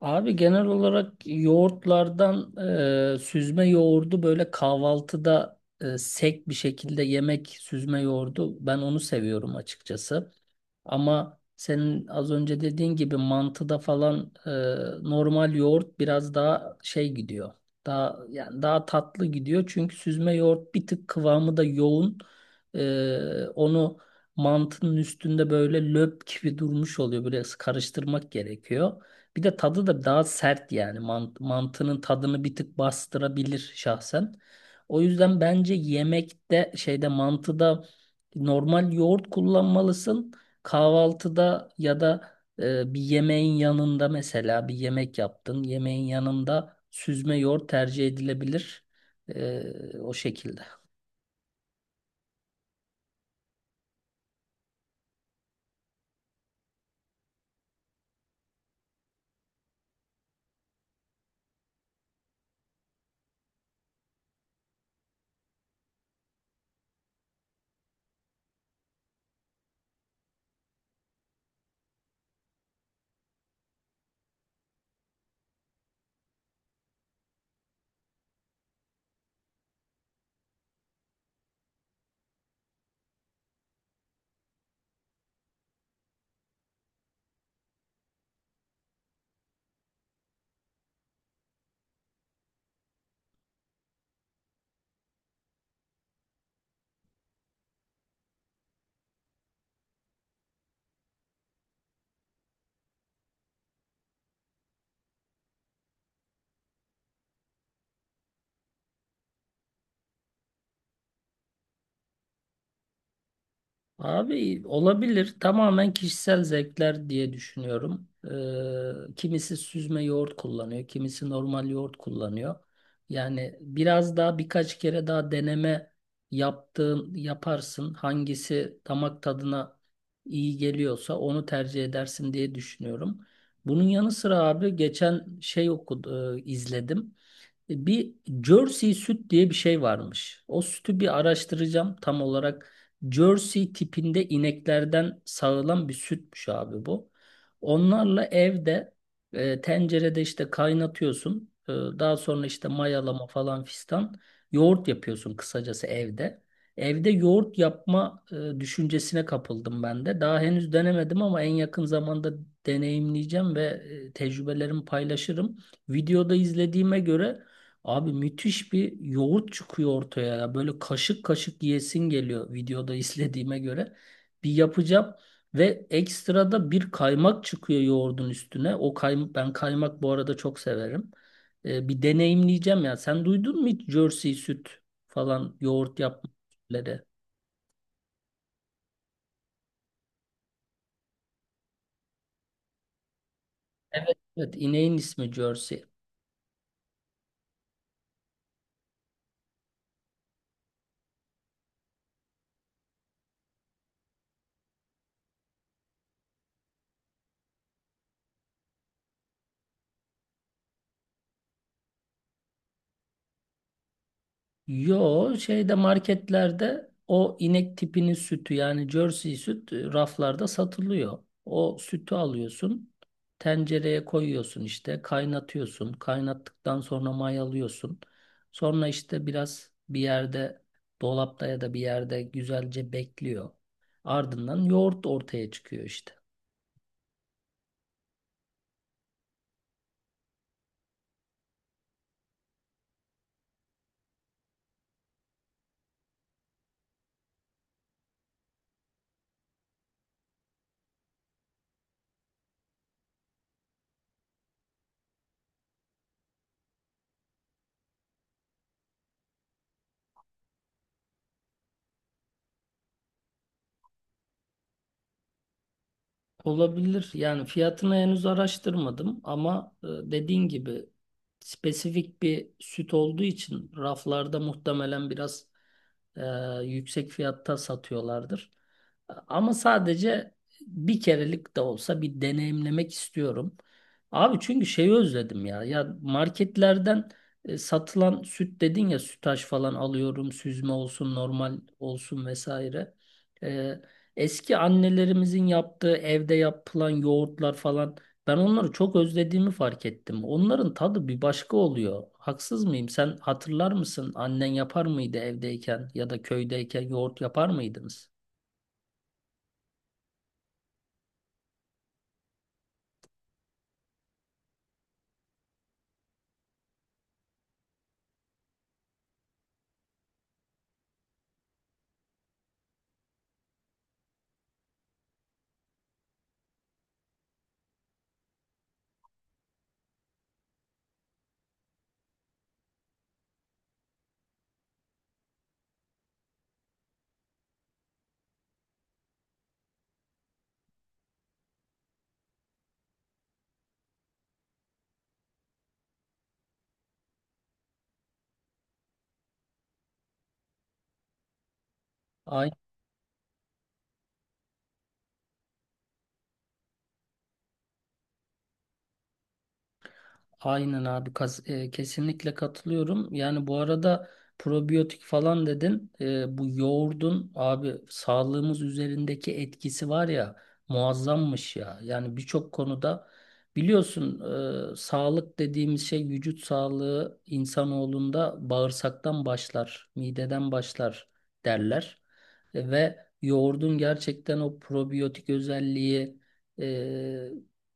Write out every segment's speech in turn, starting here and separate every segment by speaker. Speaker 1: Abi genel olarak yoğurtlardan süzme yoğurdu böyle kahvaltıda sek bir şekilde yemek süzme yoğurdu ben onu seviyorum açıkçası. Ama senin az önce dediğin gibi mantıda falan normal yoğurt biraz daha şey gidiyor. Daha yani daha tatlı gidiyor çünkü süzme yoğurt bir tık kıvamı da yoğun. Onu mantının üstünde böyle löp gibi durmuş oluyor. Böyle karıştırmak gerekiyor. Bir de tadı da daha sert yani mantının tadını bir tık bastırabilir şahsen. O yüzden bence yemekte şeyde mantıda normal yoğurt kullanmalısın. Kahvaltıda ya da bir yemeğin yanında, mesela bir yemek yaptın. Yemeğin yanında süzme yoğurt tercih edilebilir. O şekilde. Abi olabilir. Tamamen kişisel zevkler diye düşünüyorum. Kimisi süzme yoğurt kullanıyor, kimisi normal yoğurt kullanıyor. Yani biraz daha, birkaç kere daha deneme yaptığın yaparsın. Hangisi damak tadına iyi geliyorsa onu tercih edersin diye düşünüyorum. Bunun yanı sıra abi geçen şey okudu, izledim. Bir Jersey süt diye bir şey varmış. O sütü bir araştıracağım tam olarak. Jersey tipinde ineklerden sağılan bir sütmüş abi bu. Onlarla evde tencerede işte kaynatıyorsun. Daha sonra işte mayalama falan fistan. Yoğurt yapıyorsun kısacası evde. Evde yoğurt yapma düşüncesine kapıldım ben de. Daha henüz denemedim ama en yakın zamanda deneyimleyeceğim ve tecrübelerimi paylaşırım. Videoda izlediğime göre abi müthiş bir yoğurt çıkıyor ortaya ya. Böyle kaşık kaşık yiyesin geliyor videoda izlediğime göre. Bir yapacağım ve ekstra da bir kaymak çıkıyor yoğurdun üstüne. O kaymak, ben kaymak bu arada çok severim. Bir deneyimleyeceğim ya. Sen duydun mu hiç Jersey süt falan yoğurt yapmaları? Evet. Evet, ineğin ismi Jersey. Yo, şeyde marketlerde o inek tipinin sütü, yani Jersey süt, raflarda satılıyor. O sütü alıyorsun, tencereye koyuyorsun, işte kaynatıyorsun. Kaynattıktan sonra mayalıyorsun. Sonra işte biraz bir yerde, dolapta ya da bir yerde güzelce bekliyor. Ardından yoğurt ortaya çıkıyor işte. Olabilir. Yani fiyatını henüz araştırmadım ama dediğin gibi spesifik bir süt olduğu için raflarda muhtemelen biraz e, yüksek fiyatta satıyorlardır. Ama sadece bir kerelik de olsa bir deneyimlemek istiyorum. Abi çünkü şeyi özledim ya. Ya marketlerden satılan süt dedin ya, Sütaş falan alıyorum, süzme olsun, normal olsun vesaire. E, Eski annelerimizin yaptığı evde yapılan yoğurtlar falan, ben onları çok özlediğimi fark ettim. Onların tadı bir başka oluyor. Haksız mıyım? Sen hatırlar mısın? Annen yapar mıydı evdeyken, ya da köydeyken yoğurt yapar mıydınız? Aynen abi, kesinlikle katılıyorum. Yani bu arada probiyotik falan dedin. E, bu yoğurdun abi sağlığımız üzerindeki etkisi var ya, muazzammış ya. Yani birçok konuda biliyorsun, sağlık dediğimiz şey, vücut sağlığı insanoğlunda bağırsaktan başlar, mideden başlar derler. Ve yoğurdun gerçekten o probiyotik özelliği e,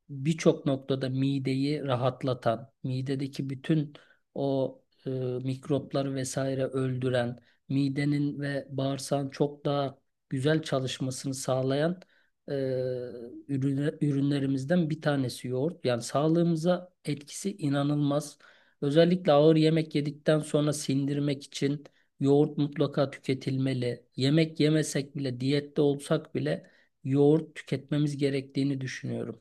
Speaker 1: birçok noktada mideyi rahatlatan, midedeki bütün o mikropları vesaire öldüren, midenin ve bağırsağın çok daha güzel çalışmasını sağlayan e, ürünlerimizden bir tanesi yoğurt. Yani sağlığımıza etkisi inanılmaz. Özellikle ağır yemek yedikten sonra sindirmek için yoğurt mutlaka tüketilmeli. Yemek yemesek bile, diyette olsak bile yoğurt tüketmemiz gerektiğini düşünüyorum.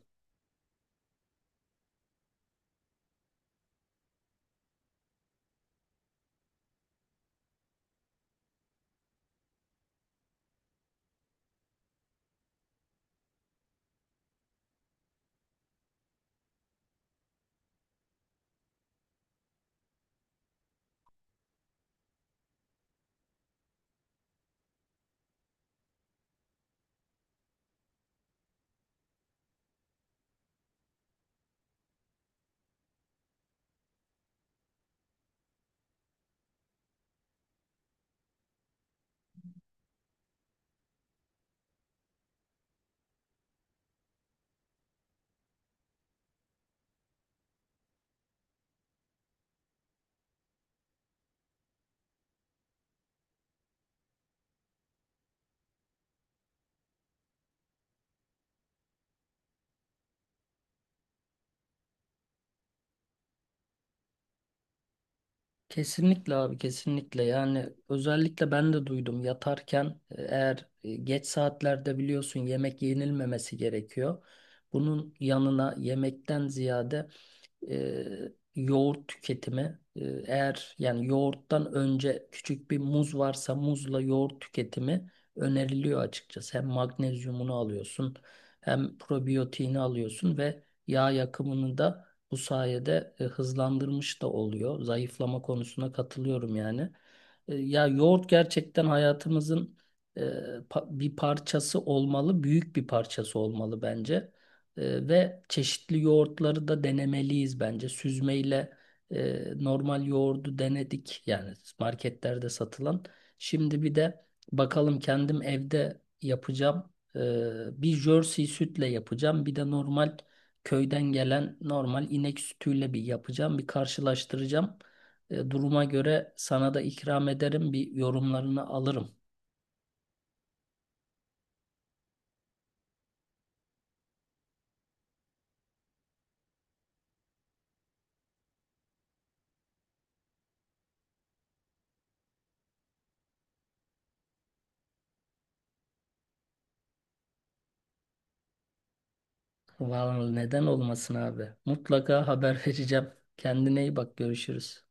Speaker 1: Kesinlikle abi, kesinlikle. Yani özellikle ben de duydum, yatarken eğer geç saatlerde biliyorsun yemek yenilmemesi gerekiyor. Bunun yanına yemekten ziyade yoğurt tüketimi, eğer yani yoğurttan önce küçük bir muz varsa muzla yoğurt tüketimi öneriliyor açıkçası. Hem magnezyumunu alıyorsun hem probiyotiğini alıyorsun ve yağ yakımını da bu sayede hızlandırmış da oluyor. Zayıflama konusuna katılıyorum yani. Ya yoğurt gerçekten hayatımızın e, bir parçası olmalı, büyük bir parçası olmalı bence. Ve çeşitli yoğurtları da denemeliyiz bence. Süzmeyle normal yoğurdu denedik, yani marketlerde satılan. Şimdi bir de bakalım kendim evde yapacağım. E, bir Jersey sütle yapacağım. Bir de normal köyden gelen normal inek sütüyle bir yapacağım. Bir karşılaştıracağım. Duruma göre sana da ikram ederim. Bir yorumlarını alırım. Vallahi neden olmasın abi. Mutlaka haber vereceğim. Kendine iyi bak, görüşürüz.